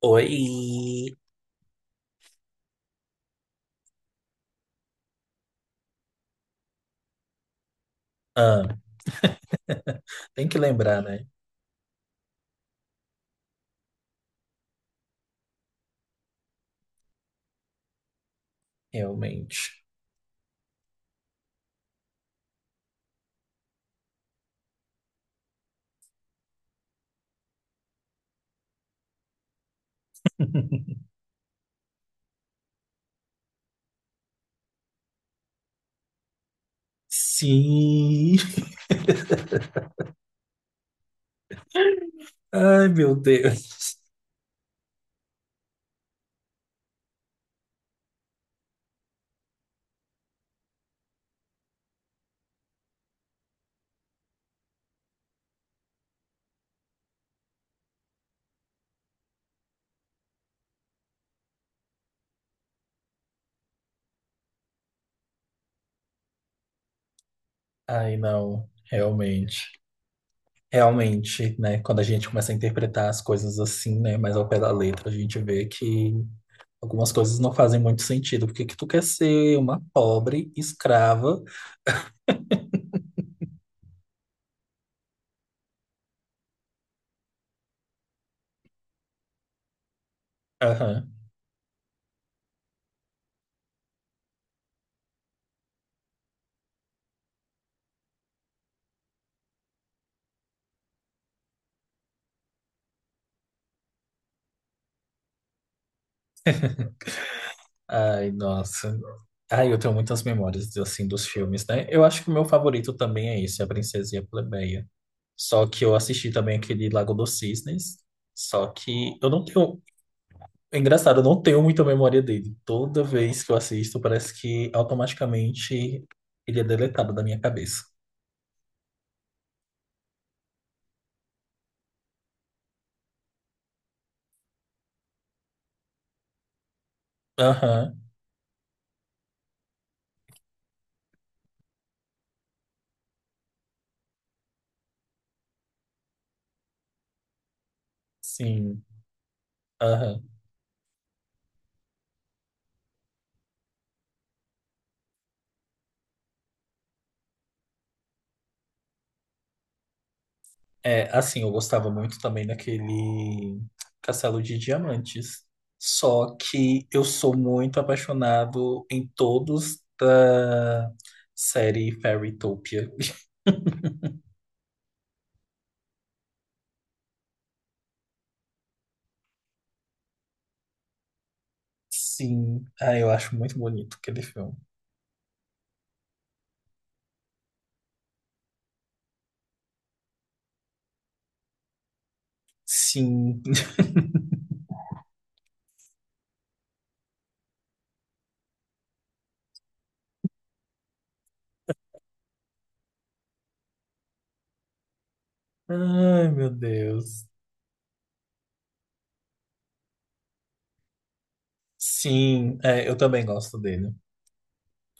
Oi! Ah, tem que lembrar, né? Realmente. Sim! Ai, meu Deus! Ai, não. Realmente. Realmente, né? Quando a gente começa a interpretar as coisas assim, né? Mais ao pé da letra, a gente vê que algumas coisas não fazem muito sentido. Por que que tu quer ser uma pobre escrava? Ai, nossa. Ai, eu tenho muitas memórias, assim, dos filmes, né? Eu acho que o meu favorito também é esse, A Princesa e a Plebeia. Só que eu assisti também aquele Lago dos Cisnes. Só que eu não tenho... É engraçado, eu não tenho muita memória dele. Toda vez que eu assisto, parece que automaticamente ele é deletado da minha cabeça. Aham, sim. Aham. É, assim, eu gostava muito também daquele Castelo de Diamantes. Só que eu sou muito apaixonado em todos da série Fairytopia. Sim, ah, eu acho muito bonito aquele filme. Sim. Ai, meu Deus. Sim, é, eu também gosto dele.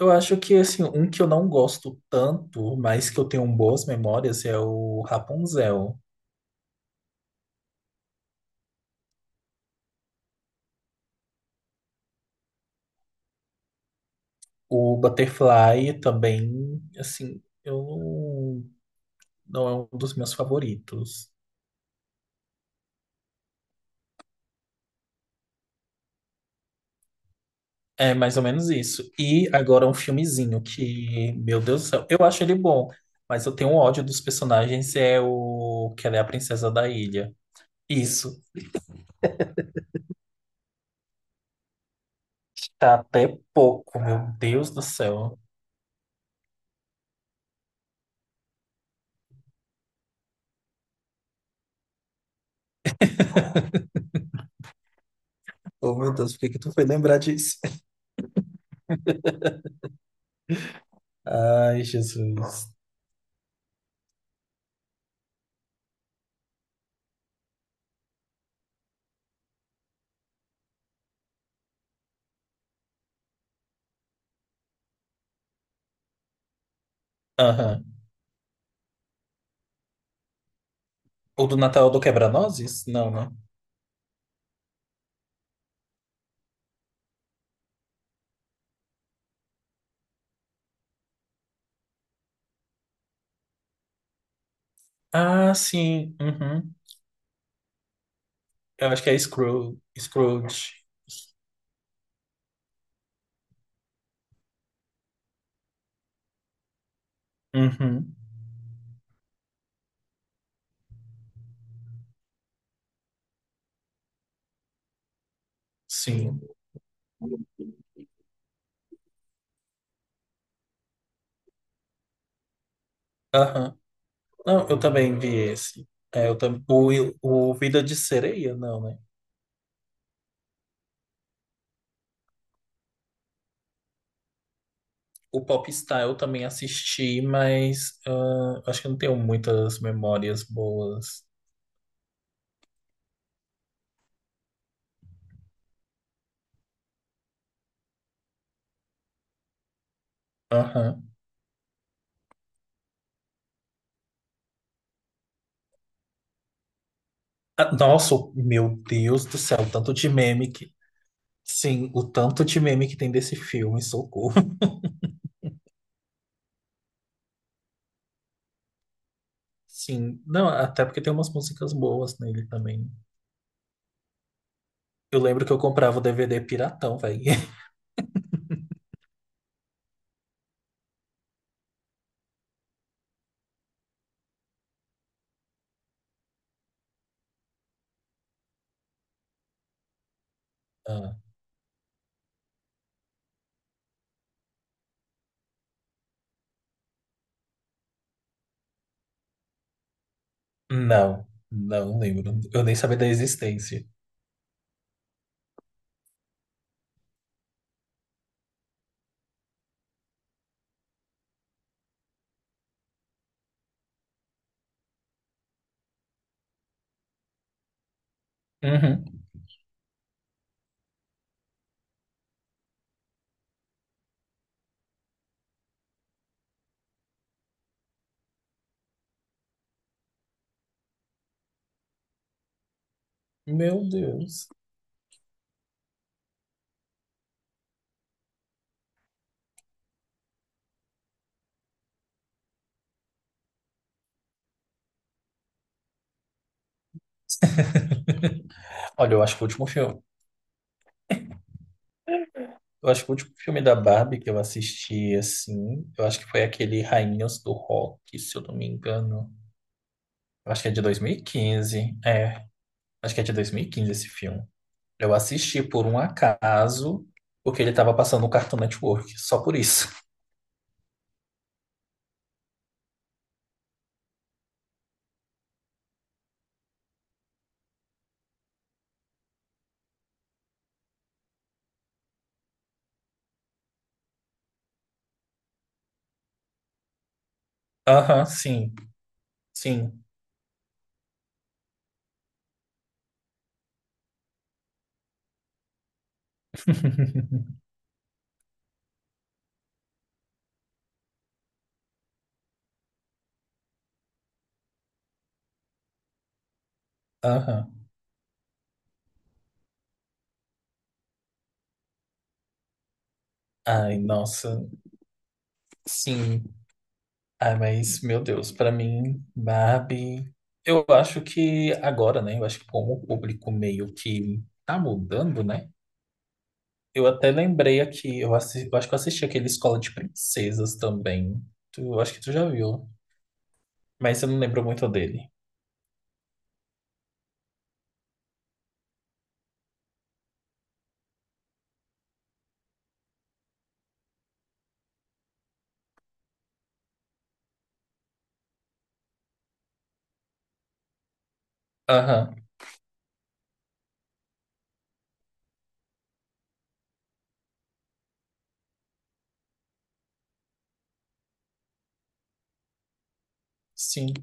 Eu acho que, assim, um que eu não gosto tanto, mas que eu tenho boas memórias, é o Rapunzel. O Butterfly também, assim, eu não é um dos meus favoritos. É mais ou menos isso. E agora um filmezinho que, meu Deus do céu, eu acho ele bom, mas eu tenho um ódio dos personagens, é o que ela é a princesa da ilha. Isso, tá até pouco, meu Deus do céu. Oh, meu Deus, por que que tu foi lembrar disso? Ai, Jesus. Aham. O do Natal do Quebra-Nozes? Não, né? Ah, sim. Uhum. Eu acho que é Scrooge. Uhum, sim. Aham. Não, eu também vi esse. É, eu também, o Vida de Sereia, não, né? O Popstar eu também assisti, mas ah, acho que eu não tenho muitas memórias boas. Aham. Ah, nossa, meu Deus do céu, o tanto de meme que. Sim, o tanto de meme que tem desse filme, socorro. Sim, não, até porque tem umas músicas boas nele também. Eu lembro que eu comprava o DVD piratão, velho. Não, não lembro. Eu nem sabia da existência. Uhum. Meu Deus. Olha, eu acho que o último filme, eu acho que o último filme da Barbie que eu assisti assim, eu acho que foi aquele Rainhas do Rock, se eu não me engano. Eu acho que é de 2015. É, acho que é de 2015 esse filme. Eu assisti por um acaso, porque ele tava passando no Cartoon Network, só por isso. Aham, sim. Sim. Aham. Ai, nossa. Sim. Ah, mas, meu Deus, pra mim, Barbie. Eu acho que agora, né? Eu acho que como o público meio que tá mudando, né? Eu até lembrei aqui, eu, eu acho que eu assisti aquele Escola de Princesas também. Tu, eu acho que tu já viu, mas eu não lembro muito dele. Aham, sim.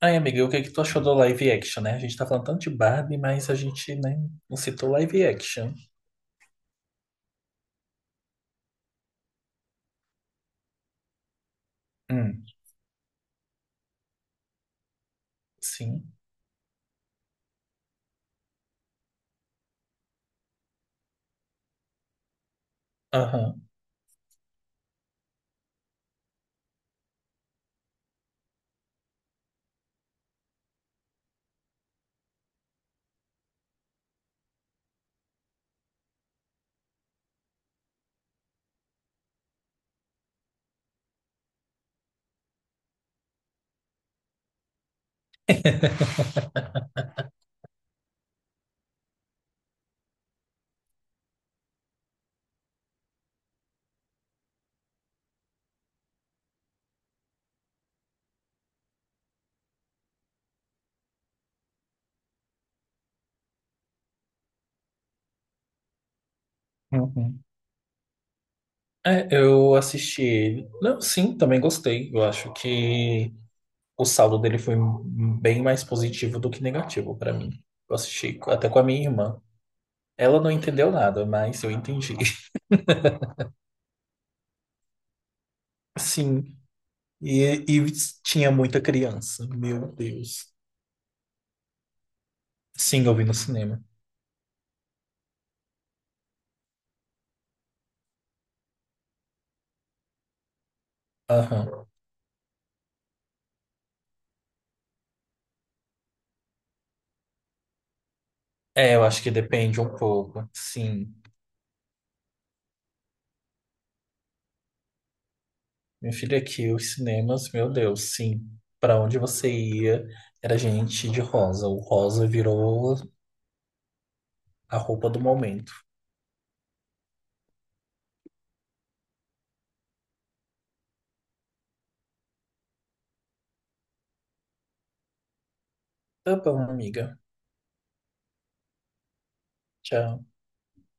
Ai, amiga, o que que tu achou do live action, né? A gente tá falando tanto de Barbie, mas a gente, né, não citou live action. Hum, sim. Aham. É, eu assisti ele. Não, sim, também gostei. Eu acho que o saldo dele foi bem mais positivo do que negativo pra mim. Eu assisti até com a minha irmã. Ela não entendeu nada, mas eu entendi. Sim, e, e tinha muita criança. Meu Deus. Sim, eu vi no cinema. Aham. É, eu acho que depende um pouco. Sim. Meu filho, aqui os cinemas, meu Deus, sim. Pra onde você ia, era gente de rosa. O rosa virou a roupa do momento. Tá bom, amiga. Tchau.